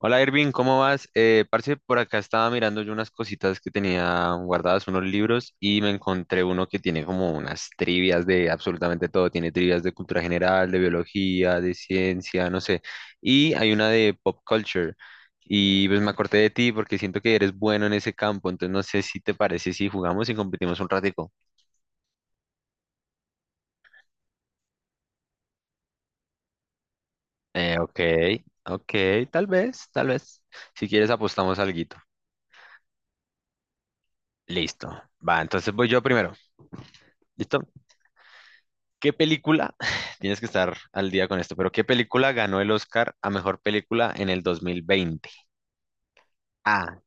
Hola Irving, ¿cómo vas? Parce, por acá estaba mirando yo unas cositas que tenía guardadas, unos libros, y me encontré uno que tiene como unas trivias de absolutamente todo. Tiene trivias de cultura general, de biología, de ciencia, no sé. Y hay una de pop culture. Y pues me acordé de ti porque siento que eres bueno en ese campo, entonces no sé si te parece si jugamos y competimos un ratico. Ok, ok, tal vez, tal vez. Si quieres apostamos alguito. Listo. Va, entonces voy yo primero. ¿Listo? ¿Qué película? Tienes que estar al día con esto, pero ¿qué película ganó el Oscar a mejor película en el 2020? Ah,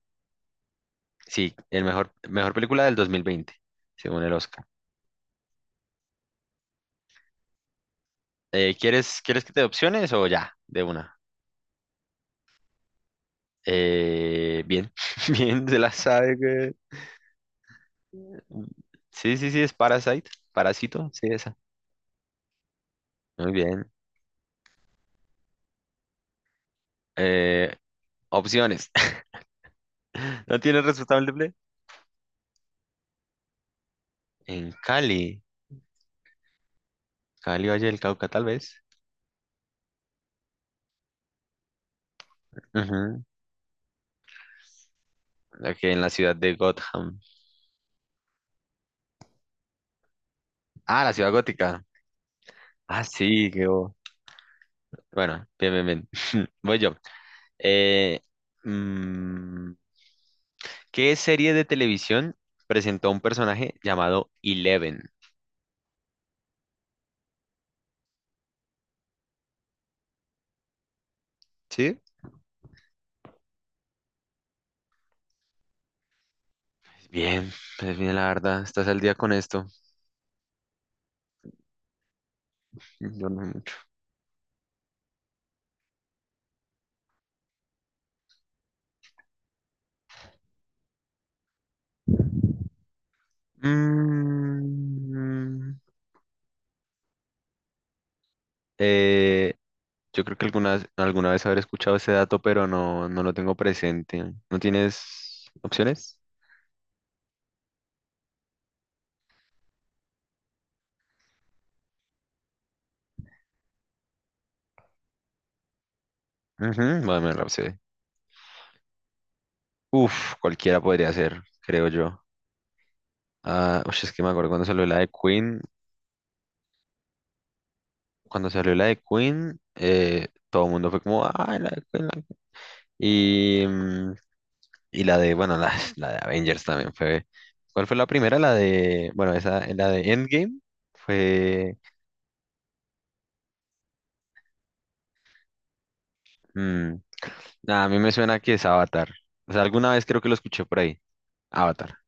sí, el mejor, mejor película del 2020, según el Oscar. ¿Quieres, quieres que te dé opciones o ya, de una? Bien, bien, se la sabe, güey. Sí, sí, sí, es Parasite, Parásito, sí, esa. Muy bien. Eh, opciones. ¿No tienes resultado múltiple? En Cali, Cali, Valle del Cauca, tal vez. Ujú. Ok, en la ciudad de Gotham. Ah, la ciudad gótica. Ah, sí, bueno, bien, bien, bien. Voy yo. Eh, mm, ¿Qué serie de televisión presentó a un personaje llamado Eleven? ¿Sí? Bien, pues bien, la verdad, estás al día con esto. Yo no mucho. Mm, eh, yo creo que alguna vez habré escuchado ese dato, pero no, no lo tengo presente. ¿No tienes opciones? Ujú. Bueno, me lo sé. Uf, cualquiera podría ser, creo yo. Ah, ush, es que me acuerdo cuando salió la de Queen. Cuando salió la de Queen, todo el mundo fue como, ah, la de Queen, la de Queen. Y, mm, y la de, bueno, la, la de Avengers también fue. ¿Cuál fue la primera? La de, bueno, esa, la de Endgame fue. mm, nah, a mí me suena que es Avatar. O sea, alguna vez creo que lo escuché por ahí. Avatar.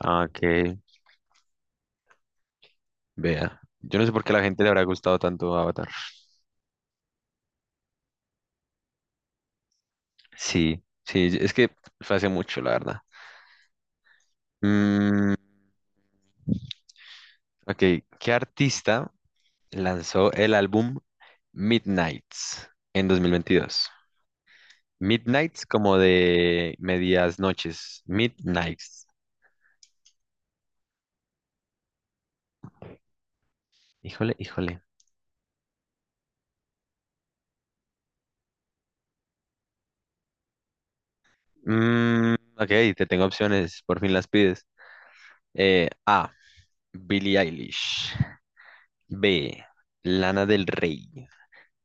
Ah, que vea. Yo no sé por qué a la gente le habrá gustado tanto Avatar. Sí, sí, es que fue hace mucho, la verdad. Mm, ok, ¿qué artista lanzó el álbum Midnights en 2022? Midnights como de medias noches. Midnights. Híjole, híjole. Ok, te tengo opciones, por fin las pides. A, Billie Eilish. B, Lana del Rey.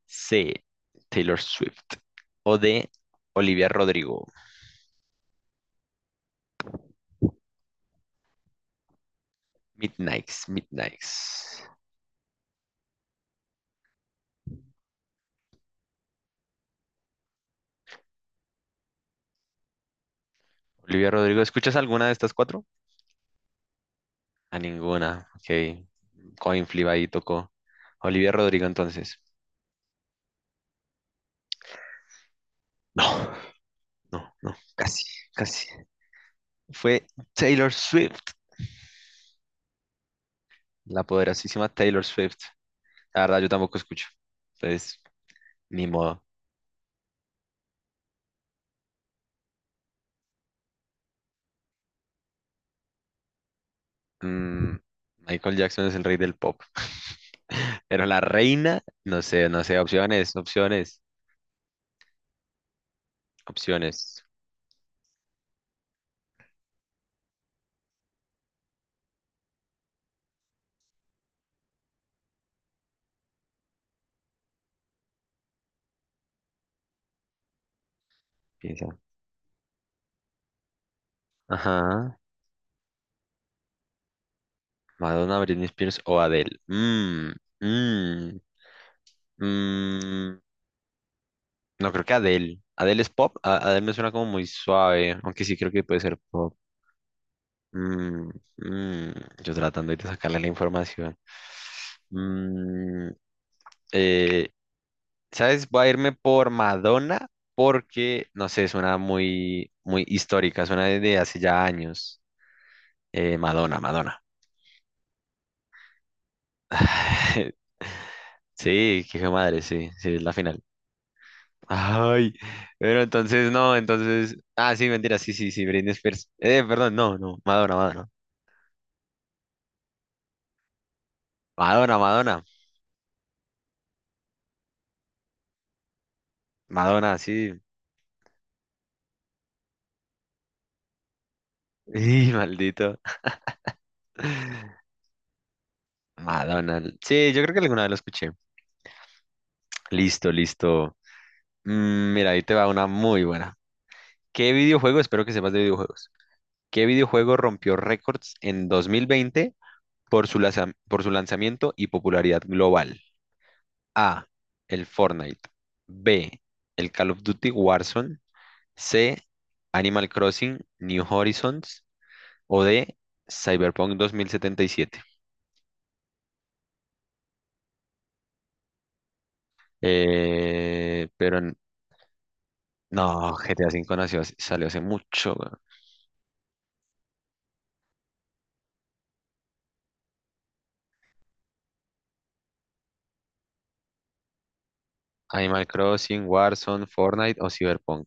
C, Taylor Swift. O D, Olivia Rodrigo. Midnights, Midnights. Olivia Rodrigo, ¿escuchas alguna de estas cuatro? A ninguna. Ok. Coin flip ahí tocó. Olivia Rodrigo entonces. No, no, no. Casi, casi. Fue Taylor Swift. La poderosísima Taylor Swift. La verdad, yo tampoco escucho. Entonces, ni modo. Mm, Michael Jackson es el rey del pop. Pero la reina, no sé, no sé. Opciones, opciones, opciones. Piensa. Ajá. Madonna, Britney Spears o Adele. Mmm, mmm. No, creo que Adele. Adele es pop. Adele me suena como muy suave, aunque sí creo que puede ser pop. Mm, mm, yo tratando de sacarle la información. Mm, eh, ¿Sabes? Voy a irme por Madonna porque, no sé, suena muy, muy histórica, suena desde hace ya años. Madonna, Madonna. Sí, qué hijo de madre, sí, sí, es la final. Ay, pero entonces no, entonces. Ah, sí, mentira, sí, sí, sí, Britney Spears. Perdón, no, no, Madonna, Madonna. Madonna, Madonna. Madonna, sí. Y maldito. Madonna. Sí, yo creo que alguna vez lo escuché. Listo, listo. Mira, ahí te va una muy buena. ¿Qué videojuego? Espero que sepas de videojuegos. ¿Qué videojuego rompió récords en 2020 por su lanzamiento y popularidad global? A. El Fortnite. B. El Call of Duty Warzone. C. Animal Crossing New Horizons. O D. Cyberpunk 2077. Pero no, GTA V nació, salió hace mucho, weón. Animal Crossing, Warzone, Fortnite o Cyberpunk.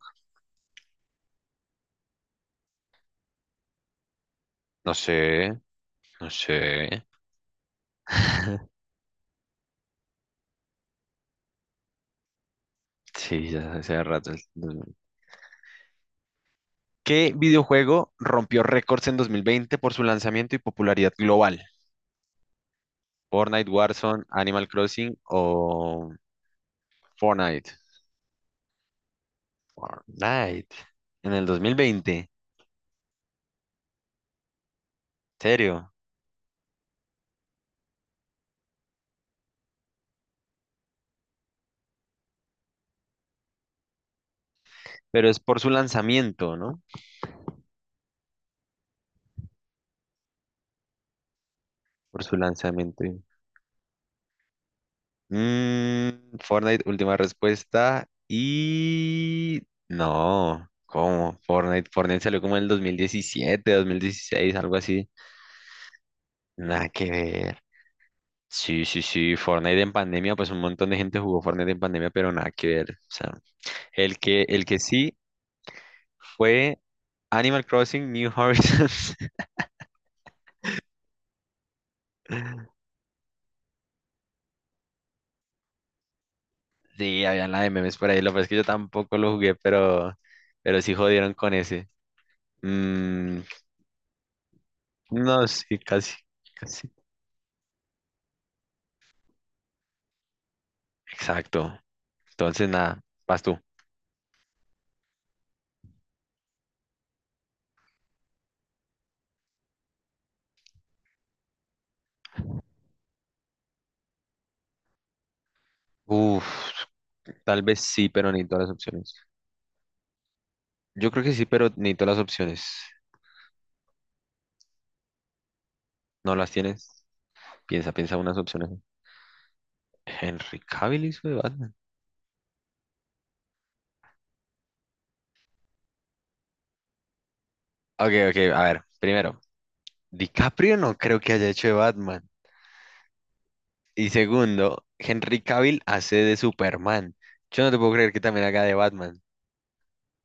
No sé, no sé. Sí, ya hace rato. No, no. ¿Qué videojuego rompió récords en 2020 por su lanzamiento y popularidad global? Fortnite, Warzone, Animal Crossing o Fortnite. Fortnite. En el dos mil veinte. ¿Serio? Pero es por su lanzamiento, ¿no? Por su lanzamiento. Fortnite, última respuesta. Y no, ¿cómo? Fortnite, Fortnite salió como en el dos mil diecisiete, dos mil dieciséis, algo así. Nada que ver. Sí, sí, sí, Fortnite en pandemia, pues un montón de gente jugó Fortnite en pandemia, pero nada que ver. O sea, el que sí fue Animal Crossing New Horizons. Sí, había la de memes por ahí, lo que pasa es que yo tampoco lo jugué, pero sí jodieron con ese. Mm, No, sí, casi, casi. Exacto. Entonces, nada, vas tú. Uf, tal vez sí, pero necesito las opciones. Yo creo que sí, pero necesito las opciones. ¿No las tienes? Piensa, piensa unas opciones. Henry Cavill hizo de Batman. Ok, ok, a ver. Primero, DiCaprio no creo que haya hecho de Batman. Y segundo, Henry Cavill hace de Superman. Yo no te puedo creer que también haga de Batman.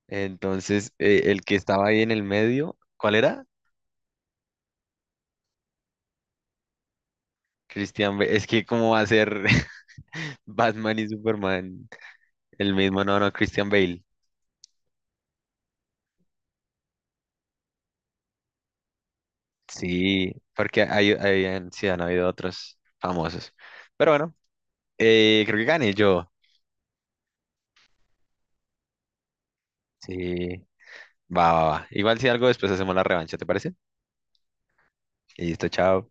Entonces, el que estaba ahí en el medio, ¿cuál era? Christian Bale. Es que, ¿cómo va a ser? Batman y Superman, el mismo, no, no, Christian Bale. Sí, porque sí, han habido otros famosos. Pero bueno, creo que gané yo. Sí, va, va, va. Igual si algo después hacemos la revancha, ¿te parece? Listo, chao.